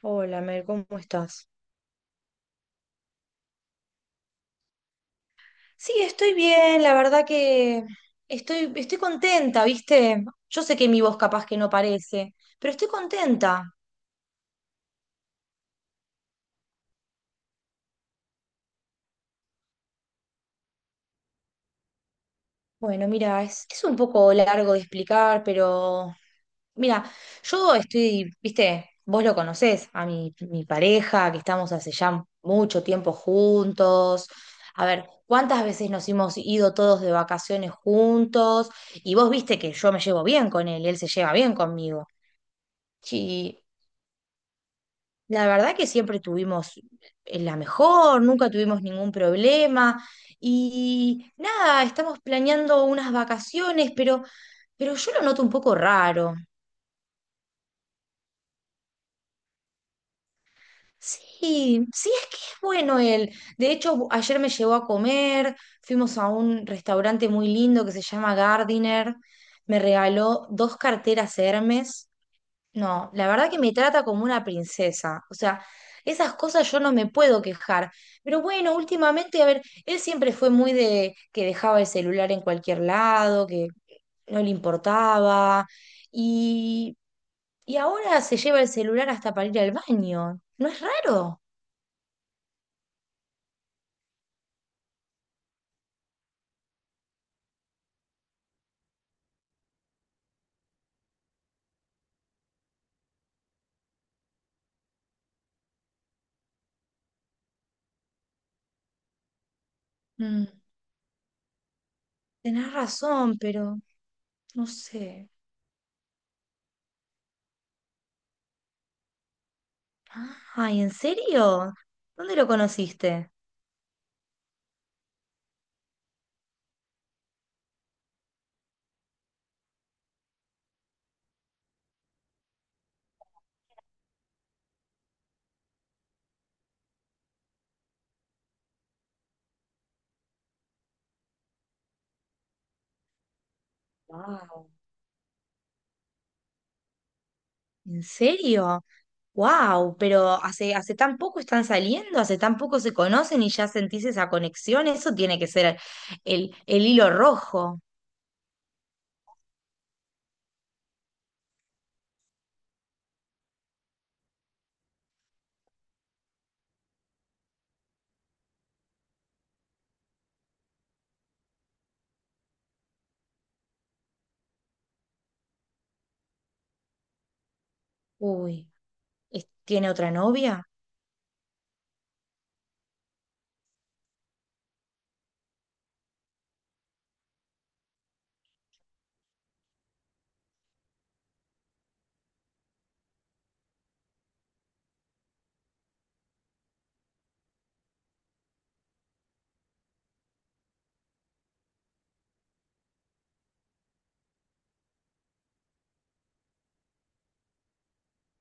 Hola, Mel, ¿cómo estás? Sí, estoy bien, la verdad que estoy contenta, ¿viste? Yo sé que mi voz capaz que no parece, pero estoy contenta. Bueno, mira, es un poco largo de explicar, pero mira, yo estoy, ¿viste? Vos lo conocés, a mi pareja, que estamos hace ya mucho tiempo juntos. A ver, ¿cuántas veces nos hemos ido todos de vacaciones juntos? Y vos viste que yo me llevo bien con él, él se lleva bien conmigo. Sí, la verdad que siempre tuvimos la mejor, nunca tuvimos ningún problema y nada, estamos planeando unas vacaciones, pero yo lo noto un poco raro. Sí, sí, es que es bueno él. De hecho, ayer me llevó a comer, fuimos a un restaurante muy lindo que se llama Gardiner, me regaló dos carteras Hermes. No, la verdad que me trata como una princesa. O sea, esas cosas yo no me puedo quejar. Pero bueno, últimamente, a ver, él siempre fue muy de que dejaba el celular en cualquier lado, que no le importaba. Y, y ahora se lleva el celular hasta para ir al baño. ¿No es raro? Mm. Tenés razón, pero no sé. Ay, ¿en serio? ¿Dónde lo conociste? Wow. ¿En serio? Wow, pero hace tan poco están saliendo, hace tan poco se conocen y ya sentís esa conexión, eso tiene que ser el hilo rojo. Uy, ¿tiene otra novia?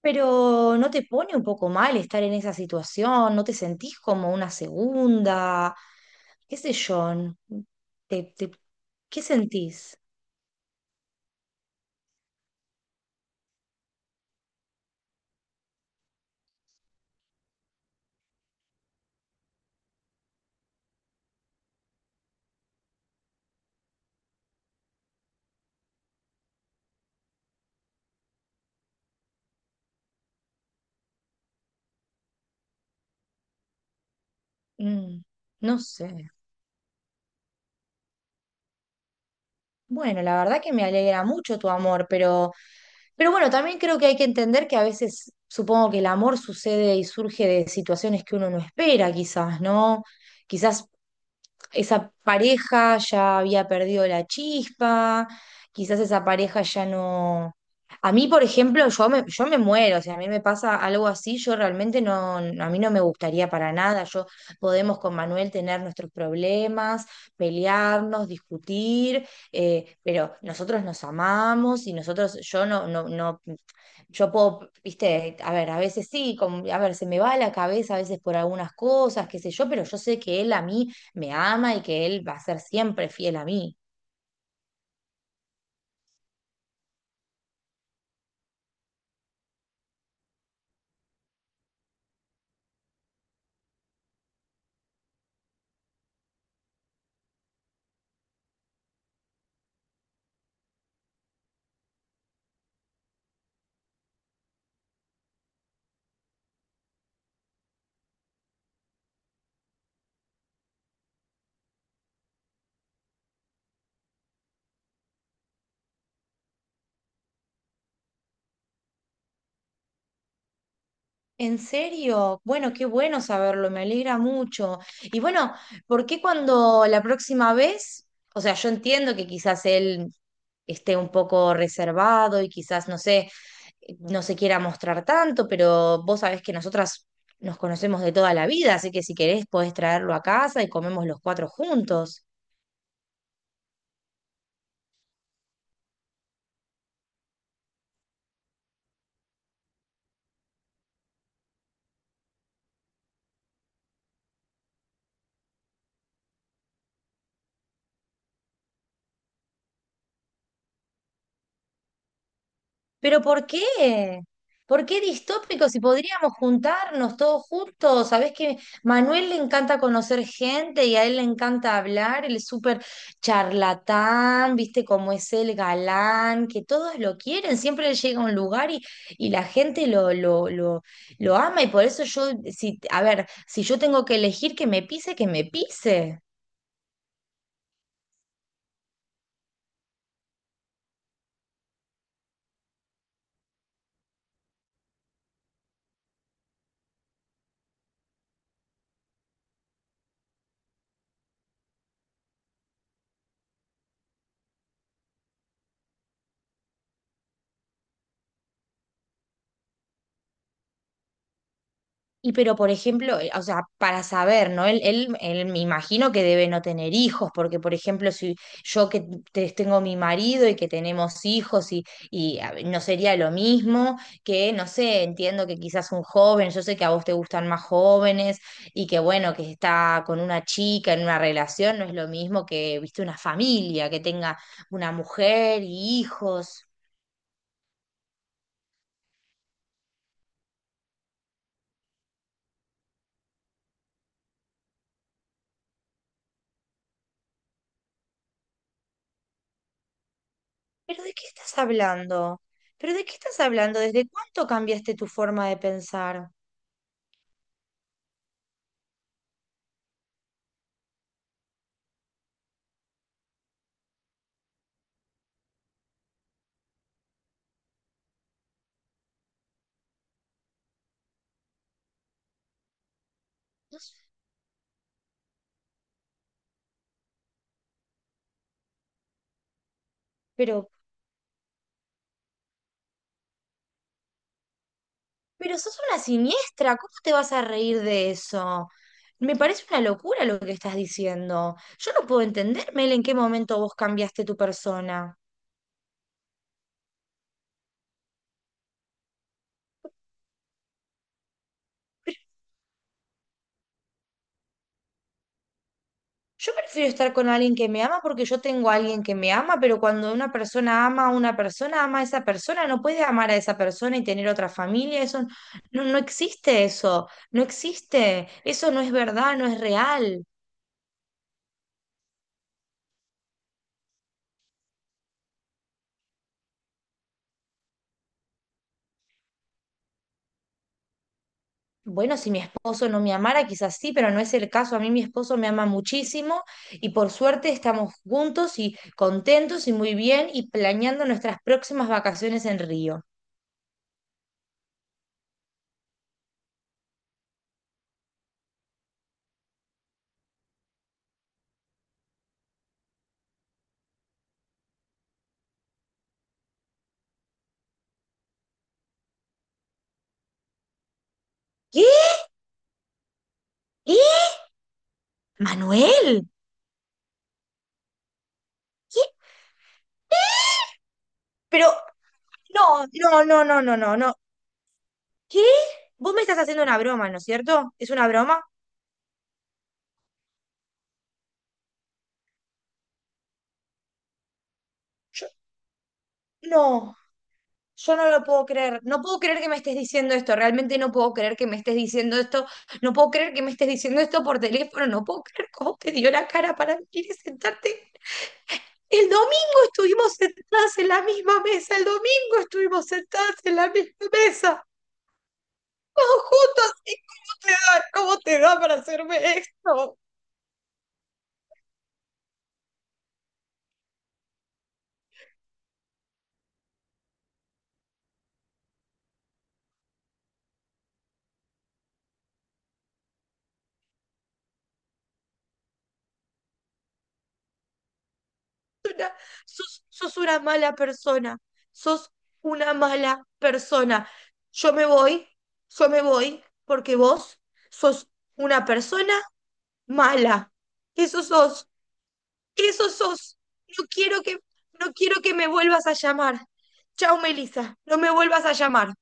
Pero ¿no te pone un poco mal estar en esa situación? ¿No te sentís como una segunda? ¿Qué sé yo? ¿Te, te- ¿qué sentís? Mm, no sé. Bueno, la verdad que me alegra mucho tu amor, pero bueno, también creo que hay que entender que a veces supongo que el amor sucede y surge de situaciones que uno no espera, quizás, ¿no? Quizás esa pareja ya había perdido la chispa, quizás esa pareja ya no... A mí, por ejemplo, yo me muero, o sea, a mí me pasa algo así, yo realmente no, a mí no me gustaría para nada, yo podemos con Manuel tener nuestros problemas, pelearnos, discutir, pero nosotros nos amamos y nosotros, yo no, no, no, yo puedo, viste, a ver, a veces sí, como, a ver, se me va la cabeza a veces por algunas cosas, qué sé yo, pero yo sé que él a mí me ama y que él va a ser siempre fiel a mí. ¿En serio? Bueno, qué bueno saberlo, me alegra mucho. Y bueno, ¿por qué cuando la próxima vez? O sea, yo entiendo que quizás él esté un poco reservado y quizás, no sé, no se quiera mostrar tanto, pero vos sabés que nosotras nos conocemos de toda la vida, así que si querés podés traerlo a casa y comemos los cuatro juntos. ¿Pero por qué? ¿Por qué distópico? Si podríamos juntarnos todos juntos. Sabés que Manuel le encanta conocer gente y a él le encanta hablar. Él es súper charlatán, viste cómo es el galán, que todos lo quieren. Siempre él llega a un lugar y la gente lo lo ama. Y por eso yo, si, a ver, si yo tengo que elegir que me pise, que me pise. Y pero, por ejemplo, o sea, para saber, ¿no? Él me imagino que debe no tener hijos, porque, por ejemplo, si yo que tengo mi marido y que tenemos hijos y a ver, no sería lo mismo que, no sé, entiendo que quizás un joven, yo sé que a vos te gustan más jóvenes y que, bueno, que está con una chica en una relación, no es lo mismo que, viste, una familia, que tenga una mujer y hijos. ¿Pero de qué estás hablando? ¿Pero de qué estás hablando? ¿Desde cuánto cambiaste tu forma de pensar? Pero, pero sos una siniestra, ¿cómo te vas a reír de eso? Me parece una locura lo que estás diciendo. Yo no puedo entender, Mel, en qué momento vos cambiaste tu persona. Yo prefiero estar con alguien que me ama porque yo tengo a alguien que me ama, pero cuando una persona ama a una persona, ama a esa persona, no puede amar a esa persona y tener otra familia, eso no, no existe eso, no existe, eso no es verdad, no es real. Bueno, si mi esposo no me amara, quizás sí, pero no es el caso. A mí mi esposo me ama muchísimo y por suerte estamos juntos y contentos y muy bien y planeando nuestras próximas vacaciones en Río. ¿Qué? ¿Qué? Manuel, ¿qué? Pero no, no, no, no, no, no, no. ¿Qué? Vos me estás haciendo una broma, ¿no es cierto? ¿Es una broma? Yo, no, yo no lo puedo creer. No puedo creer que me estés diciendo esto. Realmente no puedo creer que me estés diciendo esto. No puedo creer que me estés diciendo esto por teléfono. No puedo creer cómo te dio la cara para venir y sentarte. El domingo estuvimos sentadas en la misma mesa. El domingo estuvimos sentadas en la misma mesa. Todos juntos. ¿Y cómo te da? ¿Cómo te da para hacerme esto? Persona, sos una mala persona, sos una mala persona. Yo me voy, yo me voy porque vos sos una persona mala. Eso sos, eso sos. No quiero que, no quiero que me vuelvas a llamar. Chao, Melissa, no me vuelvas a llamar.